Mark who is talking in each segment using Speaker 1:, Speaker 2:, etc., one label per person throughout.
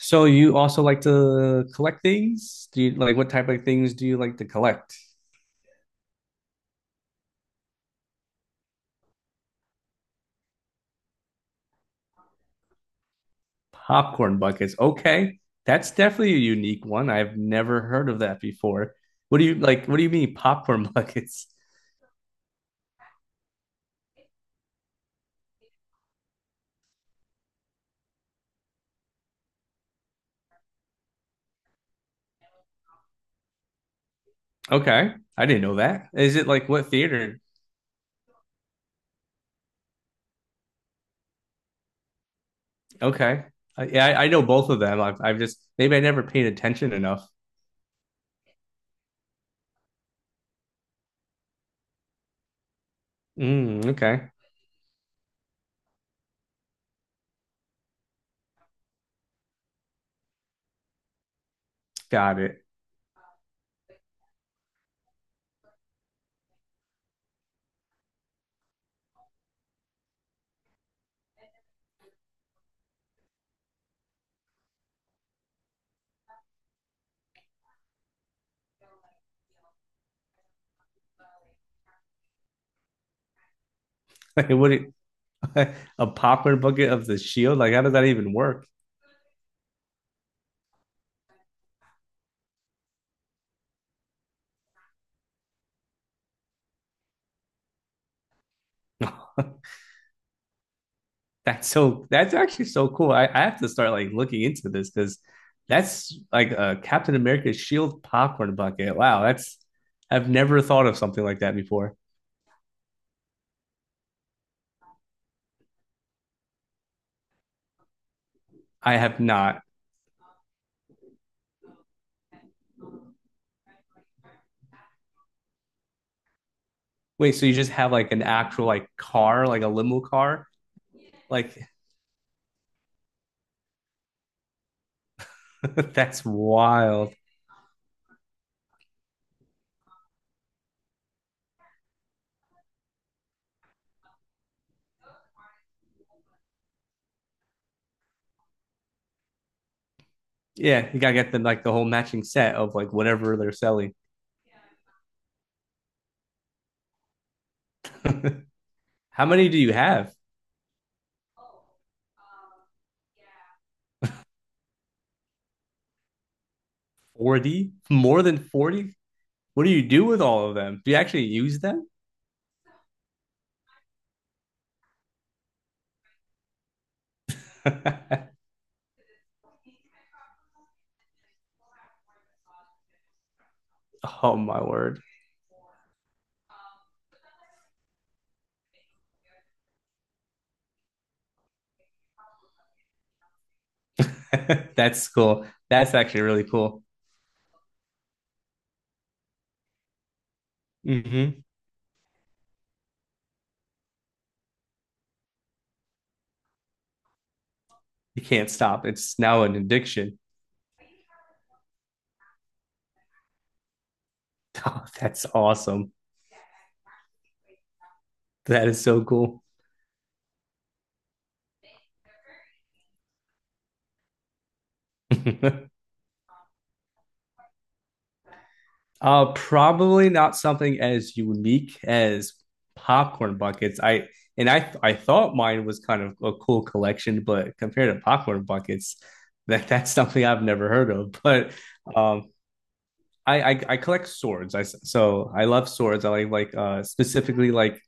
Speaker 1: So you also like to collect things? Do you like what type of things do you like to collect? Popcorn buckets. Okay. That's definitely a unique one. I've never heard of that before. What do you like what do you mean popcorn buckets? Okay. I didn't know that. Is it like what theater? Okay. Yeah, I know both of them. I've just maybe I never paid attention enough. Mm, okay. Got it. Like, What do you- a popcorn bucket of the shield? Like how does that even work? That's actually so cool. I have to start like looking into this because that's like a Captain America shield popcorn bucket. Wow, that's I've never thought of something like that before. I have not. Wait, so you just have like an actual like car, like a limo car? Like that's wild. Yeah, you gotta get them like the whole matching set of like whatever they're selling. How many do you have? 40? More than 40? What do you do with all of them? Do you actually use them? Oh my word. That's cool. That's actually really cool. hmm You can't stop. It's now an addiction. Oh, that's awesome. That is so cool. Probably not something as unique as popcorn buckets. I and I I thought mine was kind of a cool collection, but compared to popcorn buckets, that's something I've never heard of. But um, I collect swords. I love swords. I like specifically like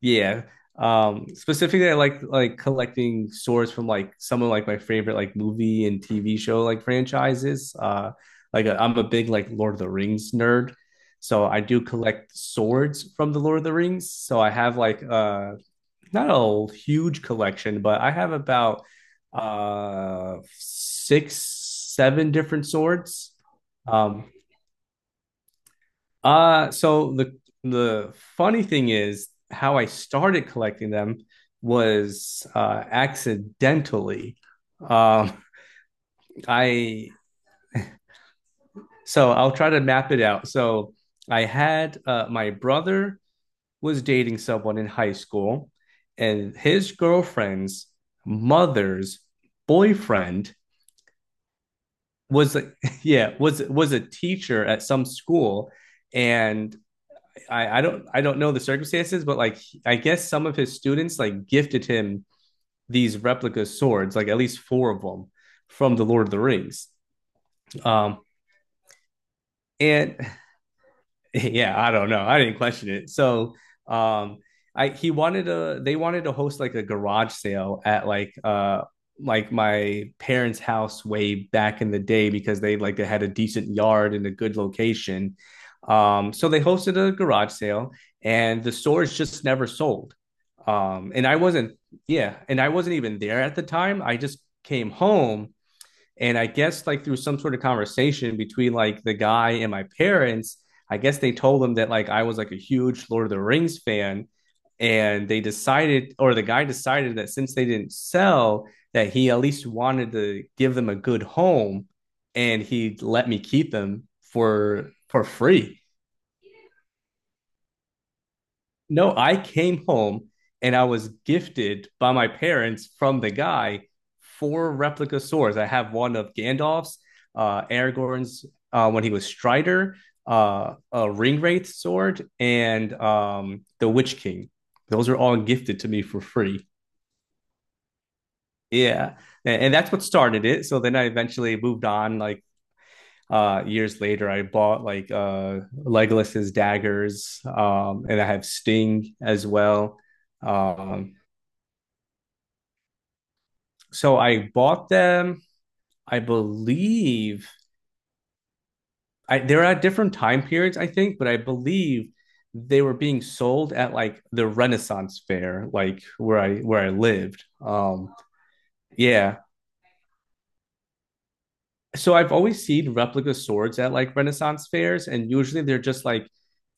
Speaker 1: Yeah. Specifically, I like collecting swords from like some of like my favorite like movie and TV show like franchises. I'm a big like Lord of the Rings nerd, so I do collect swords from the Lord of the Rings. So I have like not a huge collection, but I have about six, seven different swords. Um, so the funny thing is how I started collecting them was accidentally. Um, I I'll try to map it out. So I had my brother was dating someone in high school, and his girlfriend's mother's boyfriend was was a teacher at some school, and I don't know the circumstances, but like I guess some of his students like gifted him these replica swords, like at least four of them from the Lord of the Rings. Um, and Yeah, I don't know. I didn't question it. So, um, I he wanted to they wanted to host like a garage sale at like my parents' house way back in the day because they like they had a decent yard and a good location. So they hosted a garage sale and the stores just never sold. And I wasn't, Yeah, and I wasn't even there at the time. I just came home and I guess like through some sort of conversation between like the guy and my parents, I guess they told them that like I was like a huge Lord of the Rings fan. And they decided, or the guy decided that since they didn't sell, that he at least wanted to give them a good home and he let me keep them for free. No, I came home and I was gifted by my parents from the guy four replica swords. I have one of Gandalf's, Aragorn's when he was Strider, a Ringwraith sword, and the Witch King. Those are all gifted to me for free. Yeah, and that's what started it. So then I eventually moved on. Like years later, I bought like Legolas's daggers, and I have Sting as well. Um, so I bought them, I believe I they're at different time periods, I think, but I believe they were being sold at like the Renaissance fair, where I lived. Yeah. So I've always seen replica swords at like Renaissance fairs, and usually they're just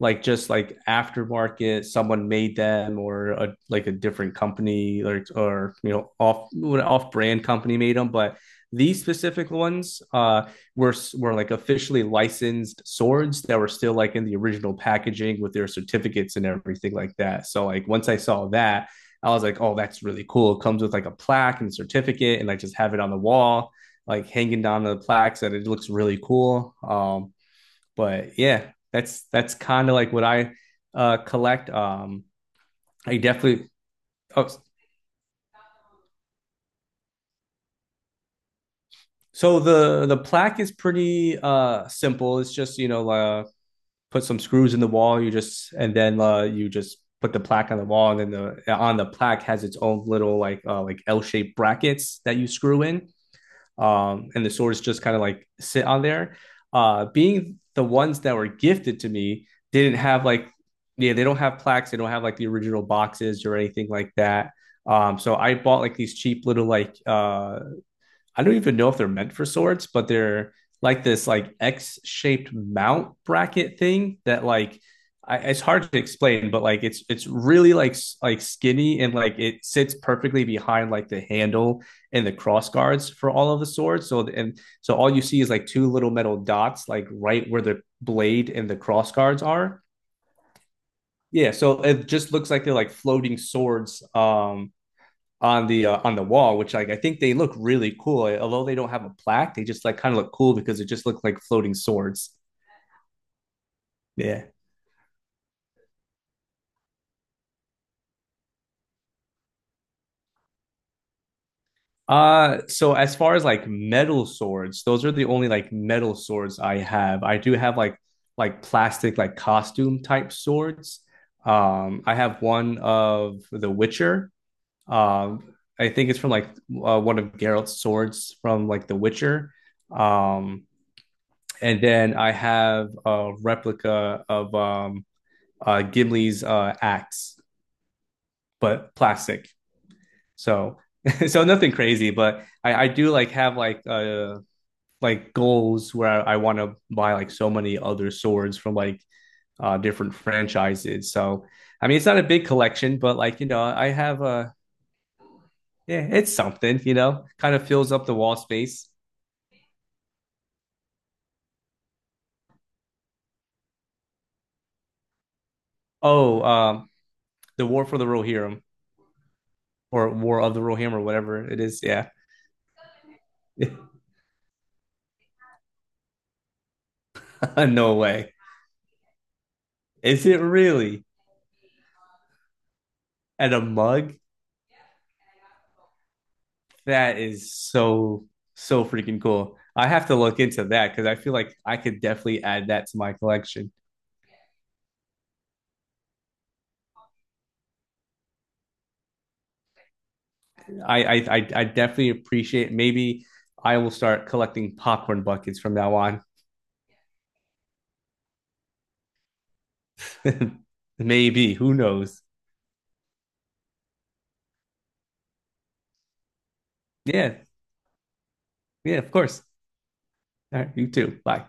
Speaker 1: like just like aftermarket someone made them or like a different company or you know off brand company made them but these specific ones were like officially licensed swords that were still like in the original packaging with their certificates and everything like that. So like once I saw that, I was like, oh, that's really cool. It comes with like a plaque and certificate, and like just have it on the wall, like hanging down the plaques, and it looks really cool. But yeah, that's kind of like what I collect. I definitely. Oh, so the plaque is pretty simple. It's just you know put some screws in the wall. You just put the plaque on the wall, and then the on the plaque has its own little like L shaped brackets that you screw in, and the swords just kind of like sit on there. Being the ones that were gifted to me didn't have like yeah they don't have plaques. They don't have like the original boxes or anything like that. So I bought like these cheap little I don't even know if they're meant for swords, but they're like this like X-shaped mount bracket thing that like it's hard to explain, but like it's really like skinny and like it sits perfectly behind like the handle and the cross guards for all of the swords. So and so all you see is like two little metal dots like right where the blade and the cross guards are. Yeah, so it just looks like they're like floating swords on the wall, which like I think they look really cool. Although they don't have a plaque, they just like kind of look cool because it just looked like floating swords. Yeah. So as far as like metal swords, those are the only like metal swords I have. I do have like plastic like costume type swords. I have one of The Witcher. I think it's from like one of Geralt's swords from like The Witcher. Um and then I have a replica of Gimli's axe, but plastic. So so nothing crazy, but I do like have like goals where I want to buy like so many other swords from like different franchises. So I mean it's not a big collection, but like you know I have a yeah it's something you know kind of fills up the wall space. Oh the War for the Rohirrim or War of the Rohirrim or whatever it is. Yeah, no way. Is it really? And a mug? That is so, so freaking cool. I have to look into that because I feel like I could definitely add that to my collection. I definitely appreciate. Maybe I will start collecting popcorn buckets from now on. Maybe, who knows? Yeah, yeah, of course. All right, you too. Bye.